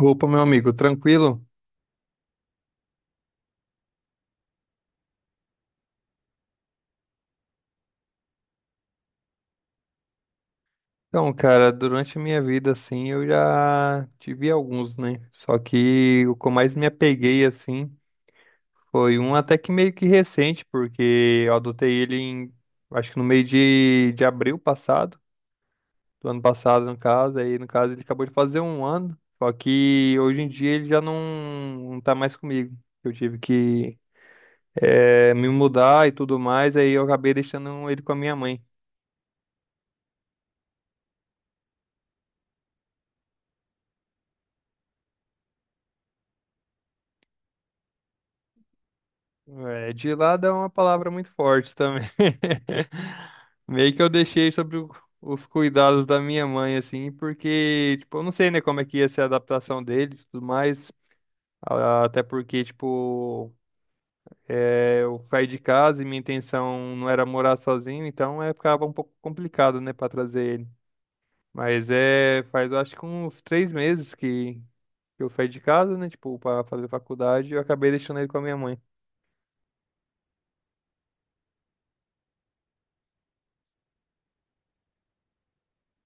Opa, meu amigo, tranquilo? Então, cara, durante a minha vida, assim, eu já tive alguns, né? Só que o que eu mais me apeguei, assim, foi um até que meio que recente, porque eu adotei ele em, acho que no meio de abril passado, do ano passado, no caso. Aí, no caso, ele acabou de fazer um ano, só que hoje em dia ele já não tá mais comigo. Eu tive que, me mudar e tudo mais, aí eu acabei deixando ele com a minha mãe. É, de lado é uma palavra muito forte também. Meio que eu deixei sobre os cuidados da minha mãe, assim, porque, tipo, eu não sei, né, como é que ia ser a adaptação deles e tudo mais. Até porque, tipo, é, eu saí de casa e minha intenção não era morar sozinho, então é, ficava um pouco complicado, né, pra trazer ele. Mas é, faz, eu acho que uns 3 meses que eu saí de casa, né, tipo, pra fazer faculdade, e eu acabei deixando ele com a minha mãe.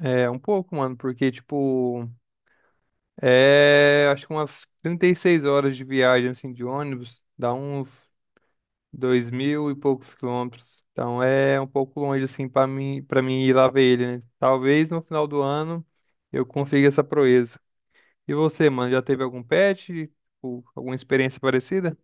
É, um pouco, mano, porque, tipo. É, acho que umas 36 horas de viagem, assim, de ônibus, dá uns 2 mil e poucos quilômetros. Então é um pouco longe, assim, pra mim, para mim ir lá ver ele, né? Talvez no final do ano eu consiga essa proeza. E você, mano, já teve algum pet? Tipo, alguma experiência parecida?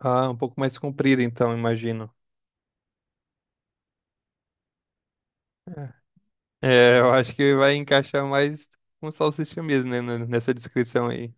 Ah, um pouco mais comprida, então, imagino. É, É, eu acho que vai encaixar mais com salsicha mesmo, né, nessa descrição aí.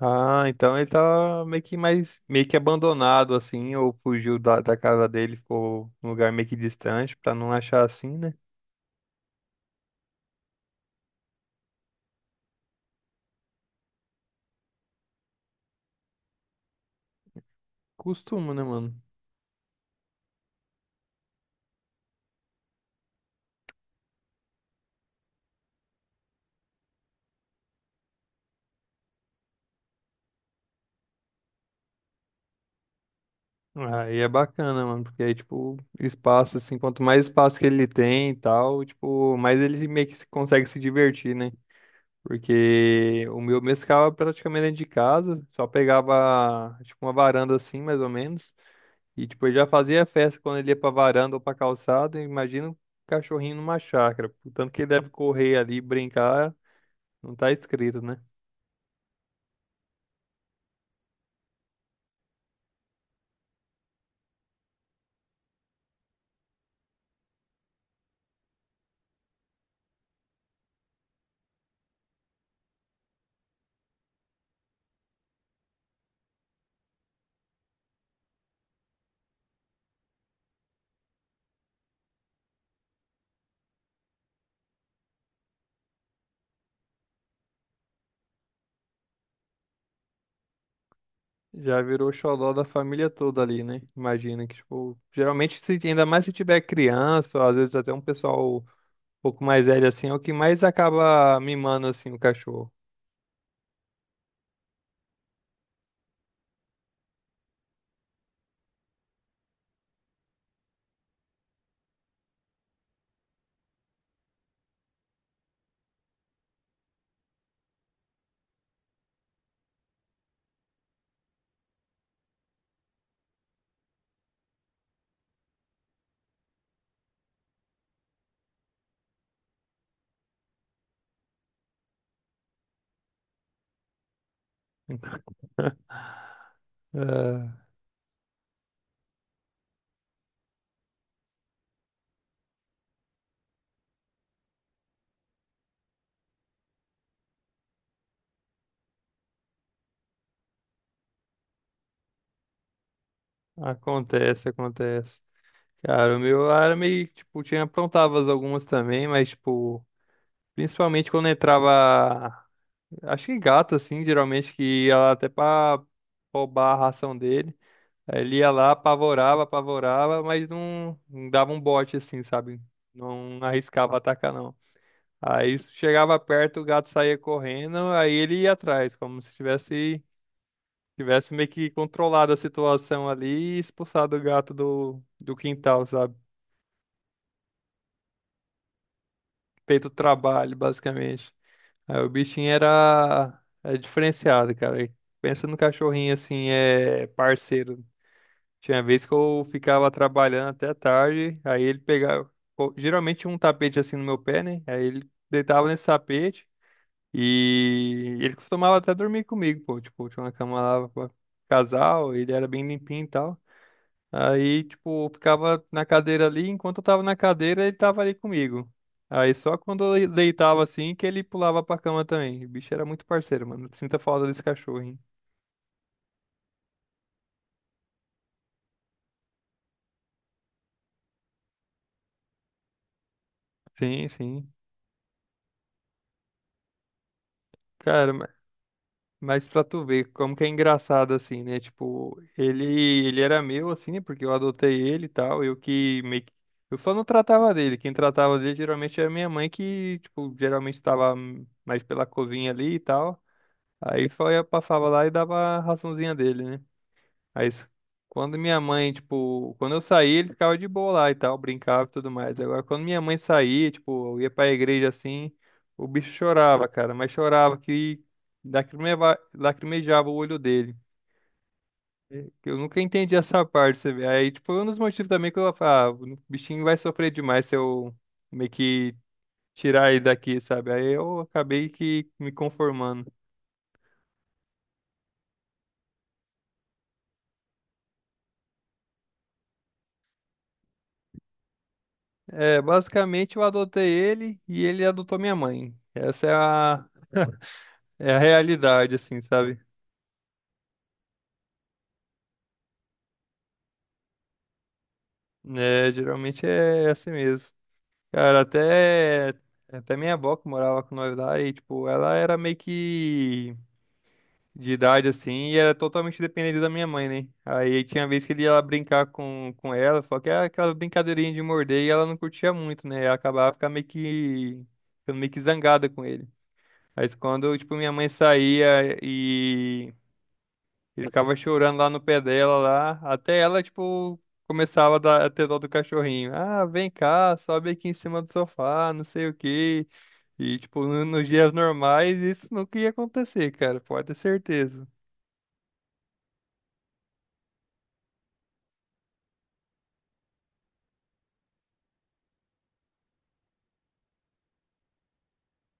Ah, então ele tá meio que mais meio que abandonado assim, ou fugiu da casa dele, ficou num lugar meio que distante pra não achar assim, né? Costuma, né, mano? Aí é bacana, mano, porque aí, tipo, espaço, assim, quanto mais espaço que ele tem e tal, tipo, mais ele meio que consegue se divertir, né? Porque o meu mesmo ficava praticamente dentro de casa, só pegava tipo uma varanda assim, mais ou menos. E tipo, ele já fazia festa quando ele ia pra varanda ou pra calçada. E imagina um cachorrinho numa chácara. O tanto que ele deve correr ali, brincar, não tá escrito, né? Já virou xodó da família toda ali, né? Imagina que, tipo, geralmente, se, ainda mais se tiver criança, ou às vezes até um pessoal um pouco mais velho assim, é o que mais acaba mimando assim o cachorro. É, acontece, acontece. Cara, o meu era meio, tipo, tinha aprontava algumas também, mas, tipo, principalmente quando entrava, acho que gato, assim, geralmente, que ia lá até pra roubar a ração dele. Aí ele ia lá, apavorava, apavorava, mas não dava um bote, assim, sabe? Não arriscava atacar, não. Aí chegava perto, o gato saía correndo, aí ele ia atrás, como se tivesse meio que controlado a situação ali e expulsado o gato do quintal, sabe? Feito o trabalho, basicamente. Aí o bichinho era diferenciado, cara. E pensa no cachorrinho assim, é parceiro. Tinha vez que eu ficava trabalhando até tarde, aí ele pegava. Pô, geralmente tinha um tapete assim no meu pé, né? Aí ele deitava nesse tapete e ele costumava até dormir comigo, pô. Tipo, tinha uma cama lá pra casal, ele era bem limpinho e tal. Aí, tipo, eu ficava na cadeira ali, enquanto eu tava na cadeira, ele tava ali comigo. Aí só quando eu deitava assim que ele pulava pra cama também. O bicho era muito parceiro, mano. Sinta falta desse cachorro, hein? Sim, sim. Cara, mas pra tu ver como que é engraçado assim, né? Tipo, ele era meu assim, né? Porque eu adotei ele e tal, eu que meio que eu só não tratava dele. Quem tratava dele geralmente era minha mãe que, tipo, geralmente tava mais pela covinha ali e tal. Aí só ia passava lá e dava a raçãozinha dele, né? Aí, quando minha mãe, tipo, quando eu saía, ele ficava de boa lá e tal, brincava e tudo mais. Agora, quando minha mãe saía, tipo, eu ia pra igreja assim, o bicho chorava, cara, mas chorava que lacrimejava o olho dele. Eu nunca entendi essa parte, você vê. Aí, tipo, foi um dos motivos também que eu falava, ah, o bichinho vai sofrer demais se eu meio que tirar ele daqui, sabe? Aí eu acabei que me conformando. É, basicamente eu adotei ele e ele adotou minha mãe. Essa é a É a realidade, assim, sabe? É, geralmente é assim mesmo. Cara, até minha avó que morava com nós lá, e, tipo, ela era meio que de idade, assim, e era totalmente dependente da minha mãe, né? Aí tinha vez que ele ia lá brincar com ela, só que era aquela brincadeirinha de morder, e ela não curtia muito, né? Ela acabava ficando meio que zangada com ele. Mas quando, tipo, minha mãe saía e ele ficava chorando lá no pé dela, lá, até ela, tipo, começava a ter dó do cachorrinho. Ah, vem cá, sobe aqui em cima do sofá, não sei o quê. E, tipo, nos dias normais, isso nunca ia acontecer, cara, pode ter certeza.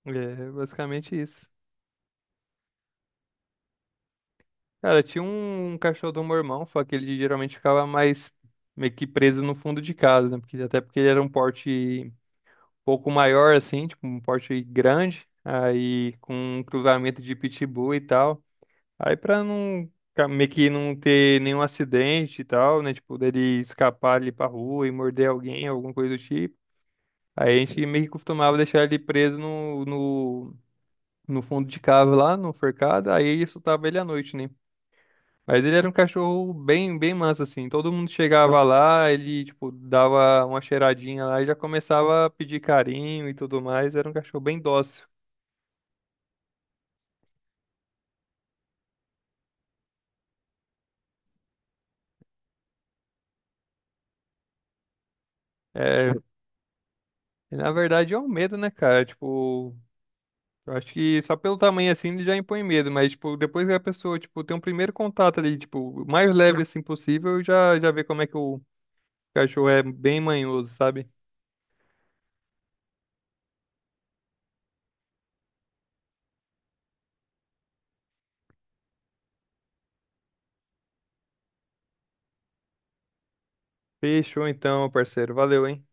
É, basicamente isso. Cara, tinha um cachorro do meu irmão, só que ele geralmente ficava mais meio que preso no fundo de casa, né? Porque, até porque ele era um porte um pouco maior, assim, tipo, um porte grande, aí com um cruzamento de pitbull e tal. Aí pra não meio que não ter nenhum acidente e tal, né? Tipo, dele escapar ali pra rua e morder alguém, alguma coisa do tipo. Aí a gente meio que costumava deixar ele preso no fundo de cava lá, no forcado, aí soltava ele à noite, né? Mas ele era um cachorro bem, bem manso, assim. Todo mundo chegava lá, ele, tipo, dava uma cheiradinha lá e já começava a pedir carinho e tudo mais. Era um cachorro bem dócil. É, na verdade é um medo, né, cara? Tipo, eu acho que só pelo tamanho assim ele já impõe medo, mas tipo, depois que a pessoa, tipo, tem um primeiro contato ali, tipo, o mais leve assim possível, já já vê como é que o cachorro é bem manhoso, sabe? Fechou então, parceiro. Valeu, hein?